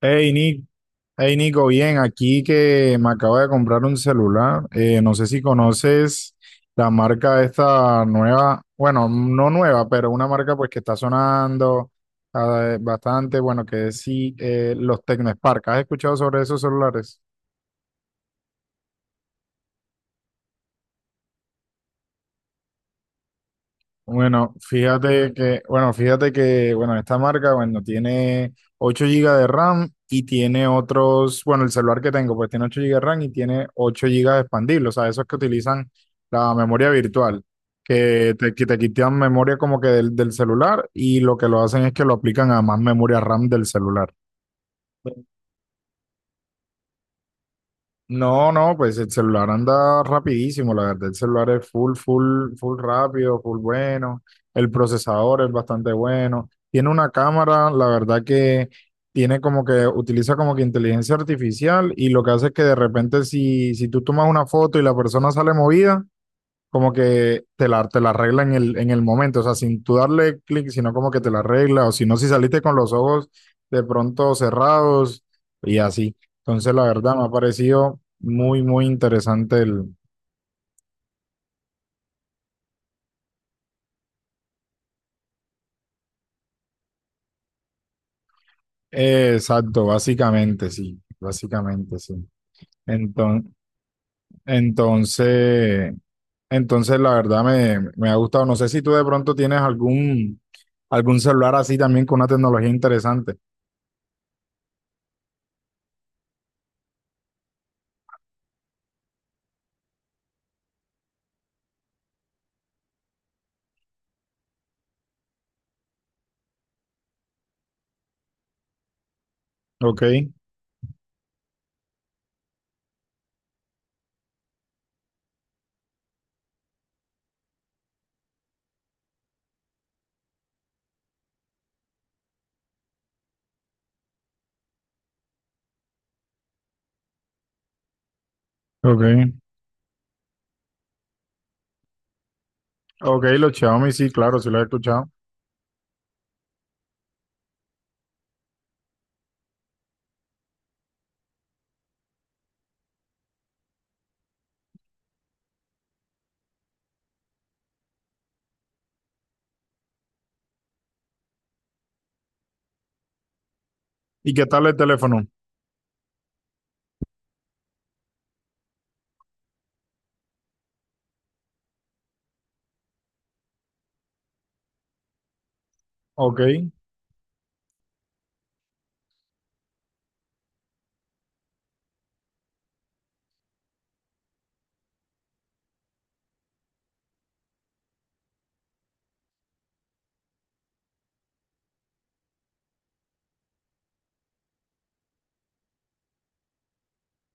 Hey, Nick, hey Nico, bien, aquí que me acabo de comprar un celular. No sé si conoces la marca esta nueva, bueno, no nueva, pero una marca pues que está sonando bastante, bueno, que es sí, los Tecnospark. ¿Has escuchado sobre esos celulares? Bueno, fíjate que, bueno, esta marca, bueno, tiene 8 gigas de RAM y tiene otros, bueno, el celular que tengo, pues tiene 8 gigas de RAM y tiene 8 GB expandible, o sea, esos que utilizan la memoria virtual, que te quitan memoria como que del celular y lo que lo hacen es que lo aplican a más memoria RAM del celular. No, no, pues el celular anda rapidísimo, la verdad, el celular es full, full, full rápido, full bueno, el procesador es bastante bueno, tiene una cámara, la verdad que tiene como que, utiliza como que inteligencia artificial y lo que hace es que de repente si tú tomas una foto y la persona sale movida, como que te la arregla en el momento, o sea, sin tú darle clic, sino como que te la arregla, o si no, si saliste con los ojos de pronto cerrados y así. Entonces, la verdad, me ha parecido muy, muy interesante el... exacto, básicamente, sí, básicamente, sí. Enton- entonces, entonces, la verdad, me ha gustado. No sé si tú de pronto tienes algún celular así también con una tecnología interesante. Ok, ok. Ok, los Xiaomi, sí, claro, sí los he escuchado. ¿Y qué tal el teléfono? Ok,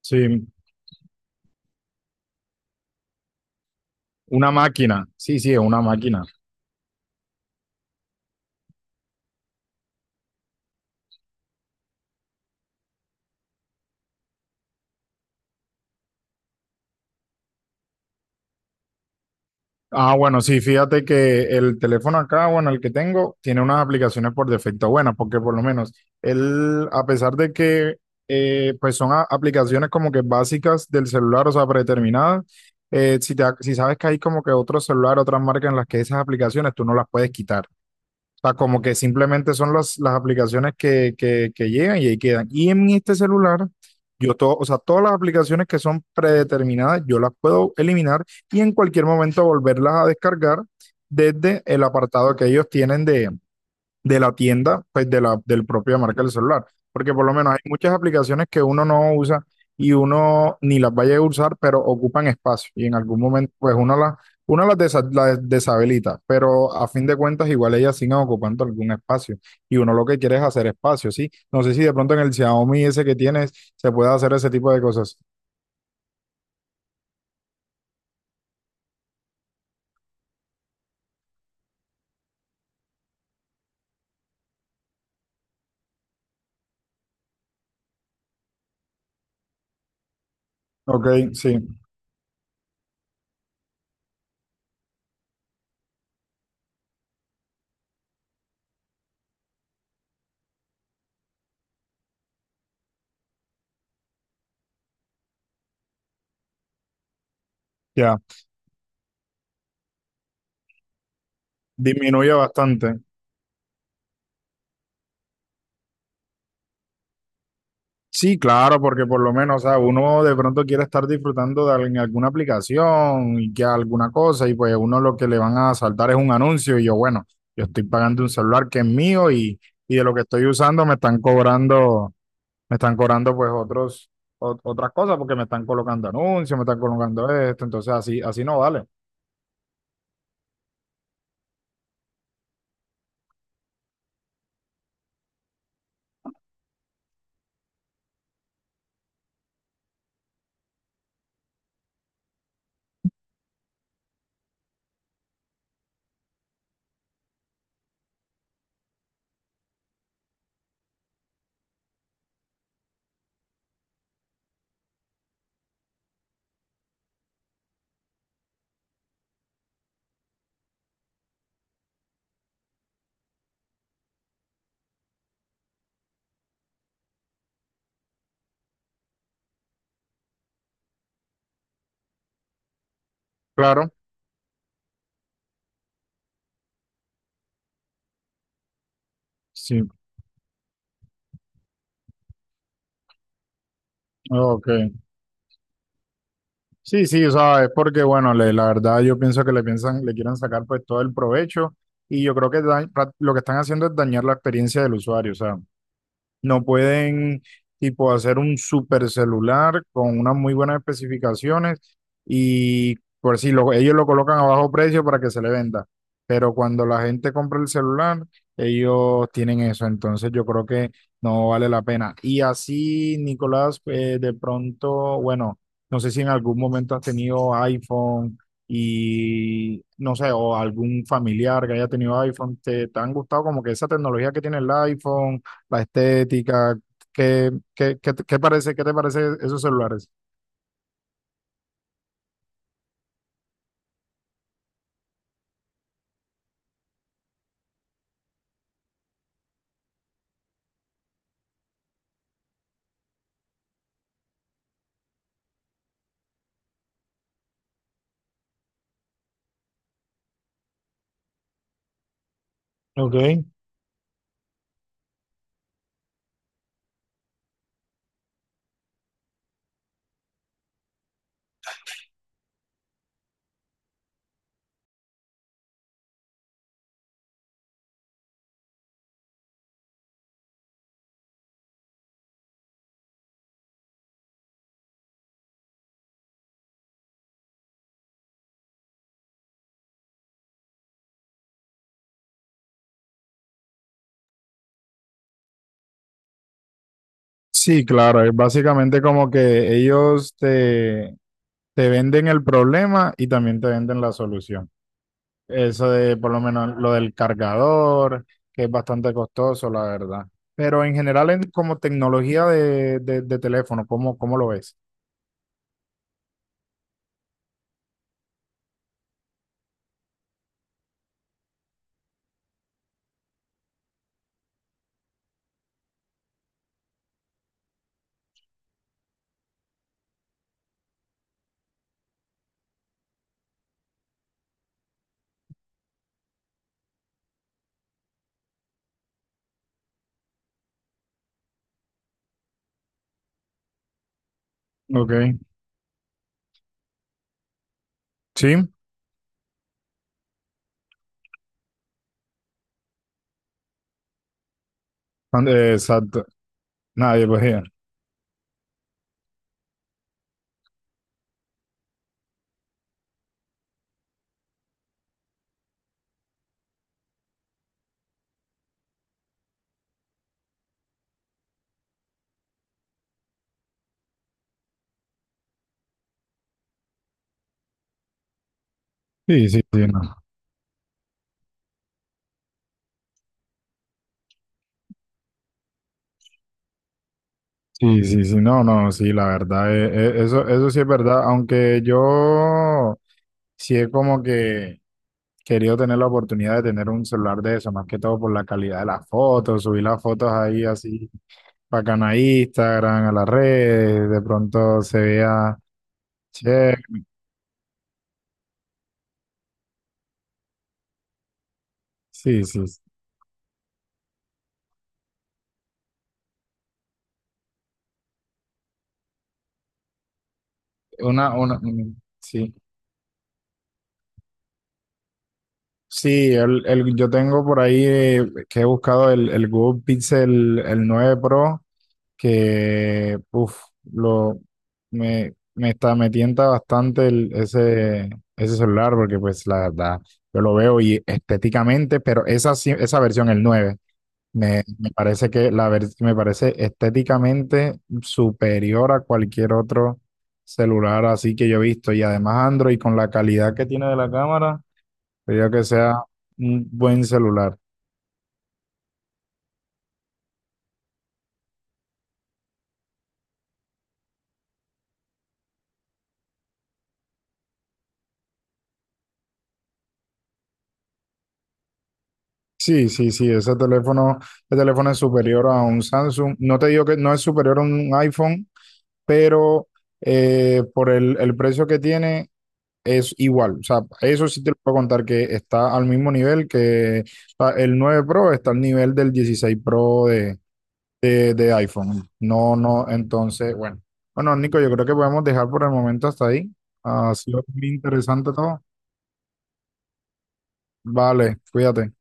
sí, una máquina. Sí, sí, es una máquina. Ah, bueno, sí, fíjate que el teléfono acá, bueno, el que tengo, tiene unas aplicaciones por defecto buenas, porque por lo menos él, a pesar de que, pues son a- aplicaciones como que básicas del celular, o sea, predeterminadas, si, te, si sabes que hay como que otro celular, otras marcas en las que esas aplicaciones tú no las puedes quitar. Sea, como que simplemente son las aplicaciones que llegan y ahí quedan. Y en este celular, yo todo, o sea, todas las aplicaciones que son predeterminadas, yo las puedo eliminar y en cualquier momento volverlas a descargar desde el apartado que ellos tienen de la tienda, pues de la del propia marca del celular. Porque por lo menos hay muchas aplicaciones que uno no usa y uno ni las vaya a usar, pero ocupan espacio y en algún momento pues uno las, desa- las deshabilita, pero a fin de cuentas igual ellas siguen ocupando algún espacio y uno lo que quiere es hacer espacio, ¿sí? No sé si de pronto en el Xiaomi ese que tienes se puede hacer ese tipo de cosas. Ok, sí, ya, disminuye bastante. Sí, claro, porque por lo menos, o sea, uno de pronto quiere estar disfrutando de al- en alguna aplicación y que alguna cosa, y pues uno lo que le van a saltar es un anuncio, y yo, bueno, yo estoy pagando un celular que es mío y de lo que estoy usando me están cobrando pues otros, ot- otras cosas, porque me están colocando anuncios, me están colocando esto, entonces así, así no vale. Claro, sí, ok. Sí, sí, o sea, es porque, bueno, le- la verdad yo pienso que le piensan, le quieren sacar pues todo el provecho y yo creo que da- pra- lo que están haciendo es dañar la experiencia del usuario, o sea, no pueden, tipo, hacer un super celular con unas muy buenas especificaciones y por si lo- ellos lo colocan a bajo precio para que se le venda. Pero cuando la gente compra el celular, ellos tienen eso. Entonces yo creo que no vale la pena. Y así, Nicolás, de pronto, bueno, no sé si en algún momento has tenido iPhone y no sé, o algún familiar que haya tenido iPhone, ¿te han gustado como que esa tecnología que tiene el iPhone? La estética, ¿qué qué te parece esos celulares? Ok. Sí, claro, es básicamente como que ellos te venden el problema y también te venden la solución. Eso de por lo menos lo del cargador, que es bastante costoso, la verdad. Pero en general, en- como tecnología de teléfono, ¿cómo lo ves? Ok, sí, and- exacto. Nadie lo veía. Sí, sí, sí, no. Sí, sí, sí, no, no, sí, la verdad, eso, eso sí es verdad, aunque yo sí he como que querido tener la oportunidad de tener un celular de eso, más que todo por la calidad de las fotos, subir las fotos ahí así, bacana a Instagram, a las redes, de pronto se vea, che, sí, sí, sí, una, sí. Sí, el- yo tengo por ahí que he buscado el Google Pixel el 9 Pro, que uf, lo, me está, me tienta bastante el- ese celular, porque pues la verdad, yo lo veo y estéticamente, pero esa, sí- esa versión, el 9 me parece que la ver- me parece estéticamente superior a cualquier otro celular así que yo he visto. Y además Android con la calidad que tiene de la cámara. Sería que sea un buen celular. Sí, sí, sí, ese teléfono, el teléfono es superior a un Samsung. No te digo que no es superior a un iPhone, pero por el precio que tiene es igual. O sea, eso sí te lo puedo contar que está al mismo nivel que o sea, el 9 Pro está al nivel del 16 Pro de iPhone. No, no, entonces, bueno. Bueno, Nico, yo creo que podemos dejar por el momento hasta ahí. Ha sido muy interesante todo. Vale, cuídate.